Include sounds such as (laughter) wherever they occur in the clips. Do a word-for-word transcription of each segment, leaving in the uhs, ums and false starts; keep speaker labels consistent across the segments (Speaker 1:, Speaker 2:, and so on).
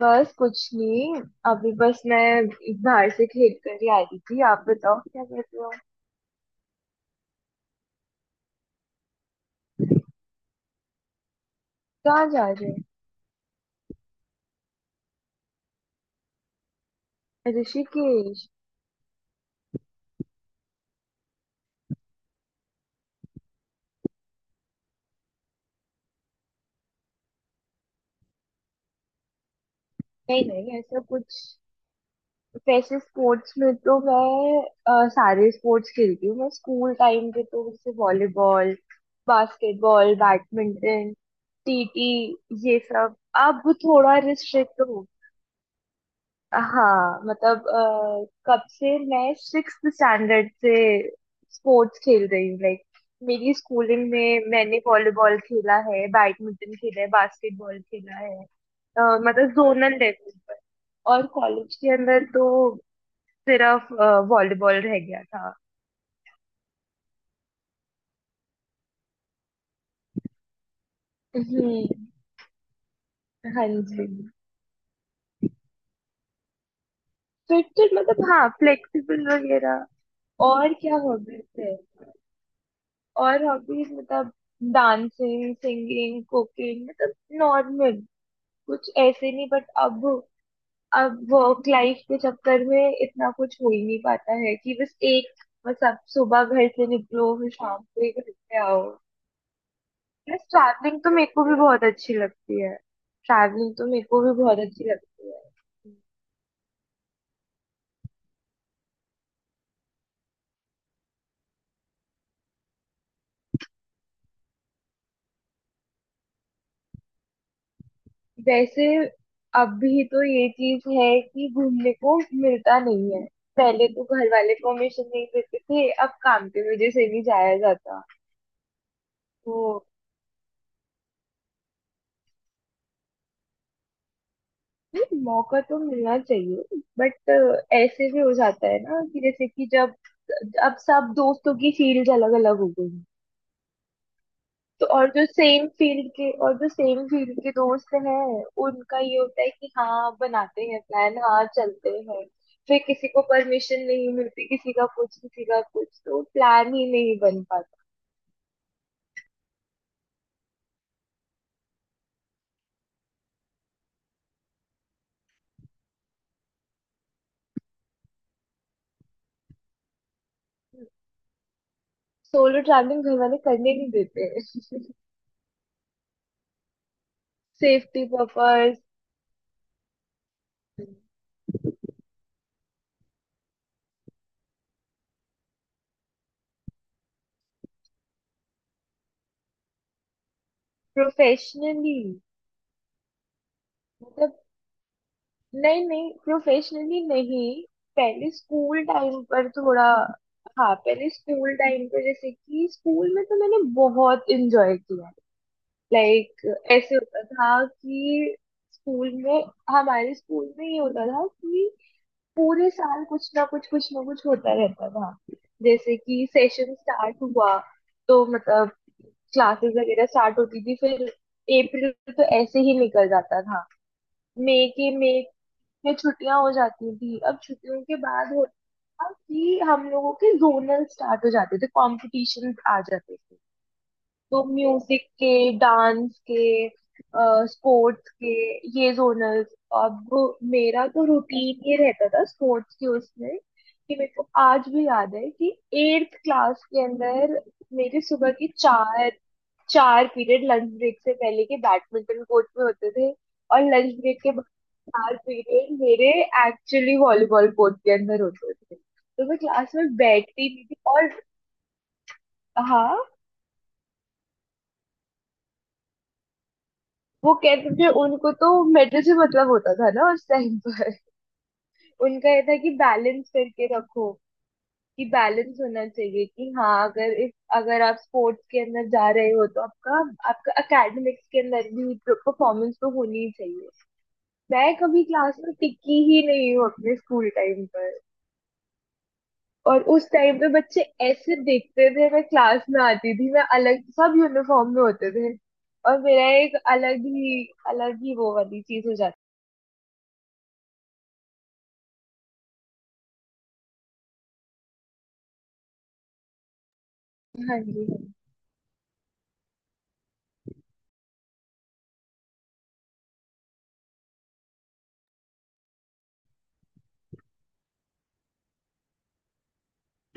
Speaker 1: बस कुछ नहीं। अभी बस मैं बाहर से खेल कर ही आ रही थी। आप बताओ क्या कर रहे हो। कहाँ जा रहे हो। ऋषिकेश। नहीं नहीं ऐसा कुछ। वैसे स्पोर्ट्स में तो मैं अ, सारे स्पोर्ट्स खेलती हूँ। मैं स्कूल टाइम पे तो जैसे वॉलीबॉल, बास्केटबॉल, बैडमिंटन, टीटी, ये सब। अब थोड़ा रिस्ट्रिक्ट हो। हाँ मतलब अ, कब से मैं सिक्स स्टैंडर्ड से स्पोर्ट्स खेल रही हूँ लाइक। मेरी स्कूलिंग में मैंने वॉलीबॉल खेला है, बैडमिंटन खेला है, बास्केटबॉल खेला है, अ, मतलब जोनल लेवल पर। और कॉलेज के अंदर तो सिर्फ वॉलीबॉल रह गया था। हम्म। हाँ जी। फिर तो मतलब हाँ फ्लेक्सिबल वगैरह। और क्या हॉबीज है। और हॉबीज मतलब डांसिंग, सिंगिंग, कुकिंग, मतलब नॉर्मल। कुछ ऐसे नहीं बट अब। अब वर्क लाइफ के चक्कर में इतना कुछ हो ही नहीं पाता है कि बस एक बस आप सुबह घर से निकलो फिर शाम को ही घर पे आओ। बस ट्रैवलिंग तो मेरे को भी बहुत अच्छी लगती है। ट्रैवलिंग तो मेरे को भी बहुत अच्छी लगती है। वैसे अभी तो ये चीज है कि घूमने को मिलता नहीं है। पहले तो घर वाले परमिशन नहीं देते थे, अब काम की वजह से नहीं जाया जाता तो। नहीं, मौका तो मिलना चाहिए बट ऐसे भी हो जाता है ना कि जैसे कि जब अब सब दोस्तों की फील्ड अलग अलग हो गई। तो और जो सेम फील्ड के और जो सेम फील्ड के दोस्त हैं, उनका ये होता है कि हाँ बनाते हैं प्लान, हाँ चलते हैं। फिर किसी को परमिशन नहीं मिलती, किसी का कुछ, किसी का कुछ, तो प्लान ही नहीं बन पाता। सोलो ट्रैवलिंग घर वाले करने नहीं देते। (laughs) Safety purpose. प्रोफेशनली मतलब। नहीं नहीं प्रोफेशनली नहीं। पहले स्कूल टाइम पर थोड़ा। हाँ पहले स्कूल टाइम पे जैसे कि स्कूल में तो मैंने बहुत एंजॉय किया लाइक। ऐसे होता था कि स्कूल में हमारे स्कूल में ये होता था कि पूरे साल कुछ ना कुछ, कुछ ना कुछ होता रहता था। जैसे कि सेशन स्टार्ट हुआ तो मतलब क्लासेस वगैरह स्टार्ट होती थी, फिर अप्रैल तो ऐसे ही निकल जाता था। मई के मई में छुट्टियां हो जाती थी। अब छुट्टियों के बाद होता था कि हम लोगों के जोनल स्टार्ट हो जाते थे, कॉम्पिटिशन आ जाते थे। तो म्यूजिक के, डांस के, स्पोर्ट्स के, ये जोनल। अब मेरा तो रूटीन ये रहता था स्पोर्ट्स के उसमें, कि मेरे को आज भी याद है कि एट्थ क्लास के अंदर मेरे सुबह की चार चार पीरियड लंच ब्रेक से पहले के बैडमिंटन कोर्ट में होते थे। और लंच ब्रेक के बाद चार पीरियड मेरे एक्चुअली वॉलीबॉल कोर्ट के अंदर होते थे, तो मैं क्लास में बैठती भी थी और हाँ। वो कहते थे, उनको तो मेडल से मतलब होता था ना उस टाइम पर। (laughs) उनका ये था कि बैलेंस करके रखो, कि बैलेंस होना चाहिए, कि हाँ अगर इफ अगर आप स्पोर्ट्स के अंदर जा रहे हो तो आपका आपका एकेडमिक्स के अंदर भी परफॉर्मेंस तो होनी ही चाहिए। मैं कभी क्लास में टिकी ही नहीं हूँ अपने स्कूल टाइम पर। और उस टाइम पे बच्चे ऐसे देखते थे, मैं क्लास में आती थी मैं अलग, सब यूनिफॉर्म में होते थे और मेरा एक अलग ही अलग ही वो वाली चीज हो जाती। हाँ जी।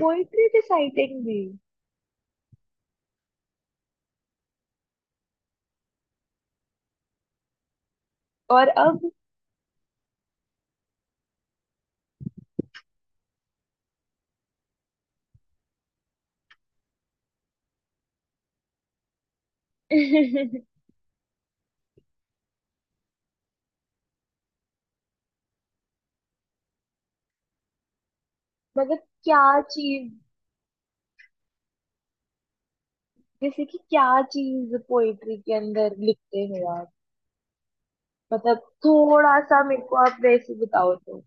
Speaker 1: पोइट्री रिसाइटिंग भी। और अब। (laughs) मतलब क्या चीज, जैसे कि क्या चीज पोइट्री के अंदर लिखते हो आप। मतलब थोड़ा सा मेरे को आप वैसे बताओ तो।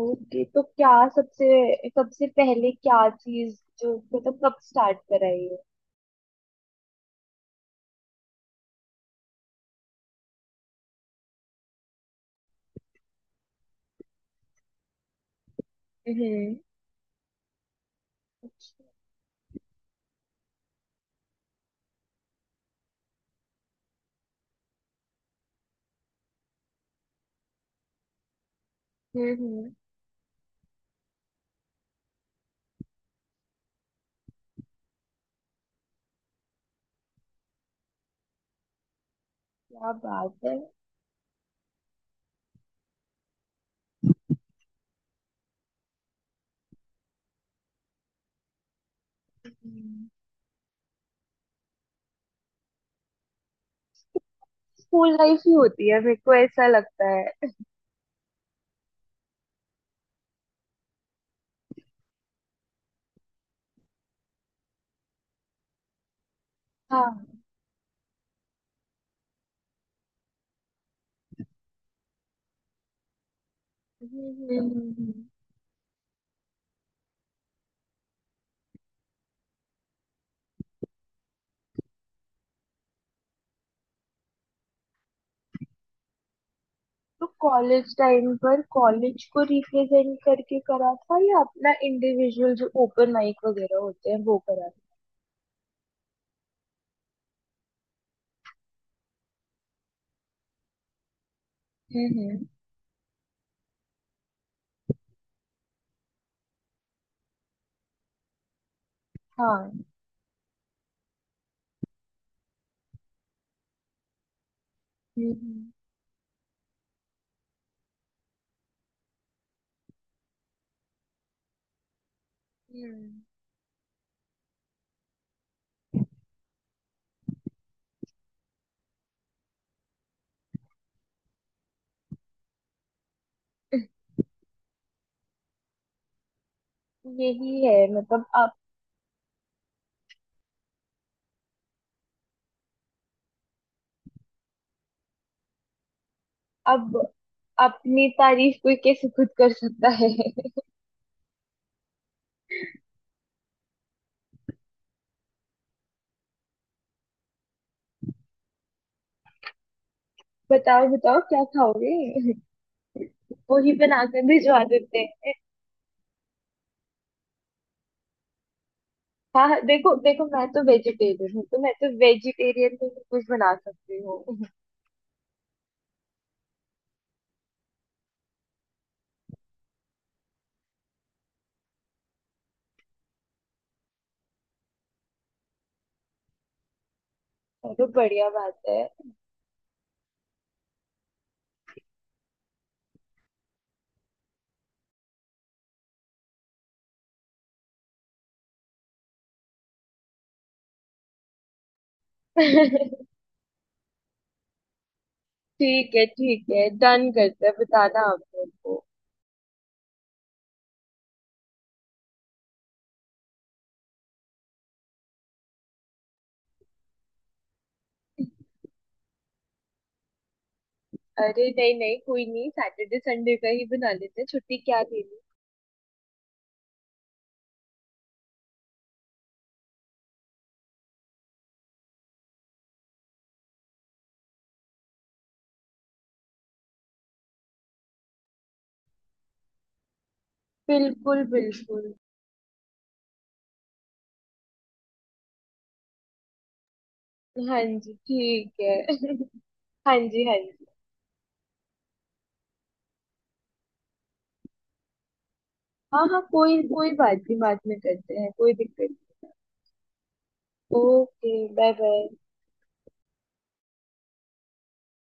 Speaker 1: ओके तो क्या सबसे सबसे पहले क्या चीज जो मतलब कब स्टार्ट कराई है। हम्म हम्म। क्या बात है। स्कूल लाइफ ही होती है, मेरे को ऐसा लगता है। हाँ। हम्म हम्म, हम्म। तो कॉलेज टाइम पर कॉलेज को रिप्रेजेंट करके करा था या अपना इंडिविजुअल जो ओपन माइक वगैरह होते हैं वो करा था। हम्म हम्म। हाँ। हम्म, हम्म। यही है मतलब आप। अब अपनी तारीफ कोई कैसे खुद कर सकता है। (laughs) बताओ बताओ क्या खाओगे। (laughs) वही बनाकर भिजवा देते हैं। हाँ हाँ, देखो देखो मैं तो वेजिटेरियन हूँ, तो मैं तो वेजिटेरियन में भी कुछ बना सकती हूँ। (laughs) चलो बढ़िया बात है। (laughs) ठीक है ठीक है डन करते हैं, बताना आप मेरे को। अरे नहीं नहीं कोई नहीं, सैटरडे संडे का ही बना लेते हैं, छुट्टी क्या देनी। बिल्कुल बिल्कुल। हाँ जी ठीक है। (laughs) हाँ जी हाँ जी। हाँ हाँ कोई कोई बात नहीं, बाद में करते हैं, कोई दिक्कत नहीं। Okay bye bye.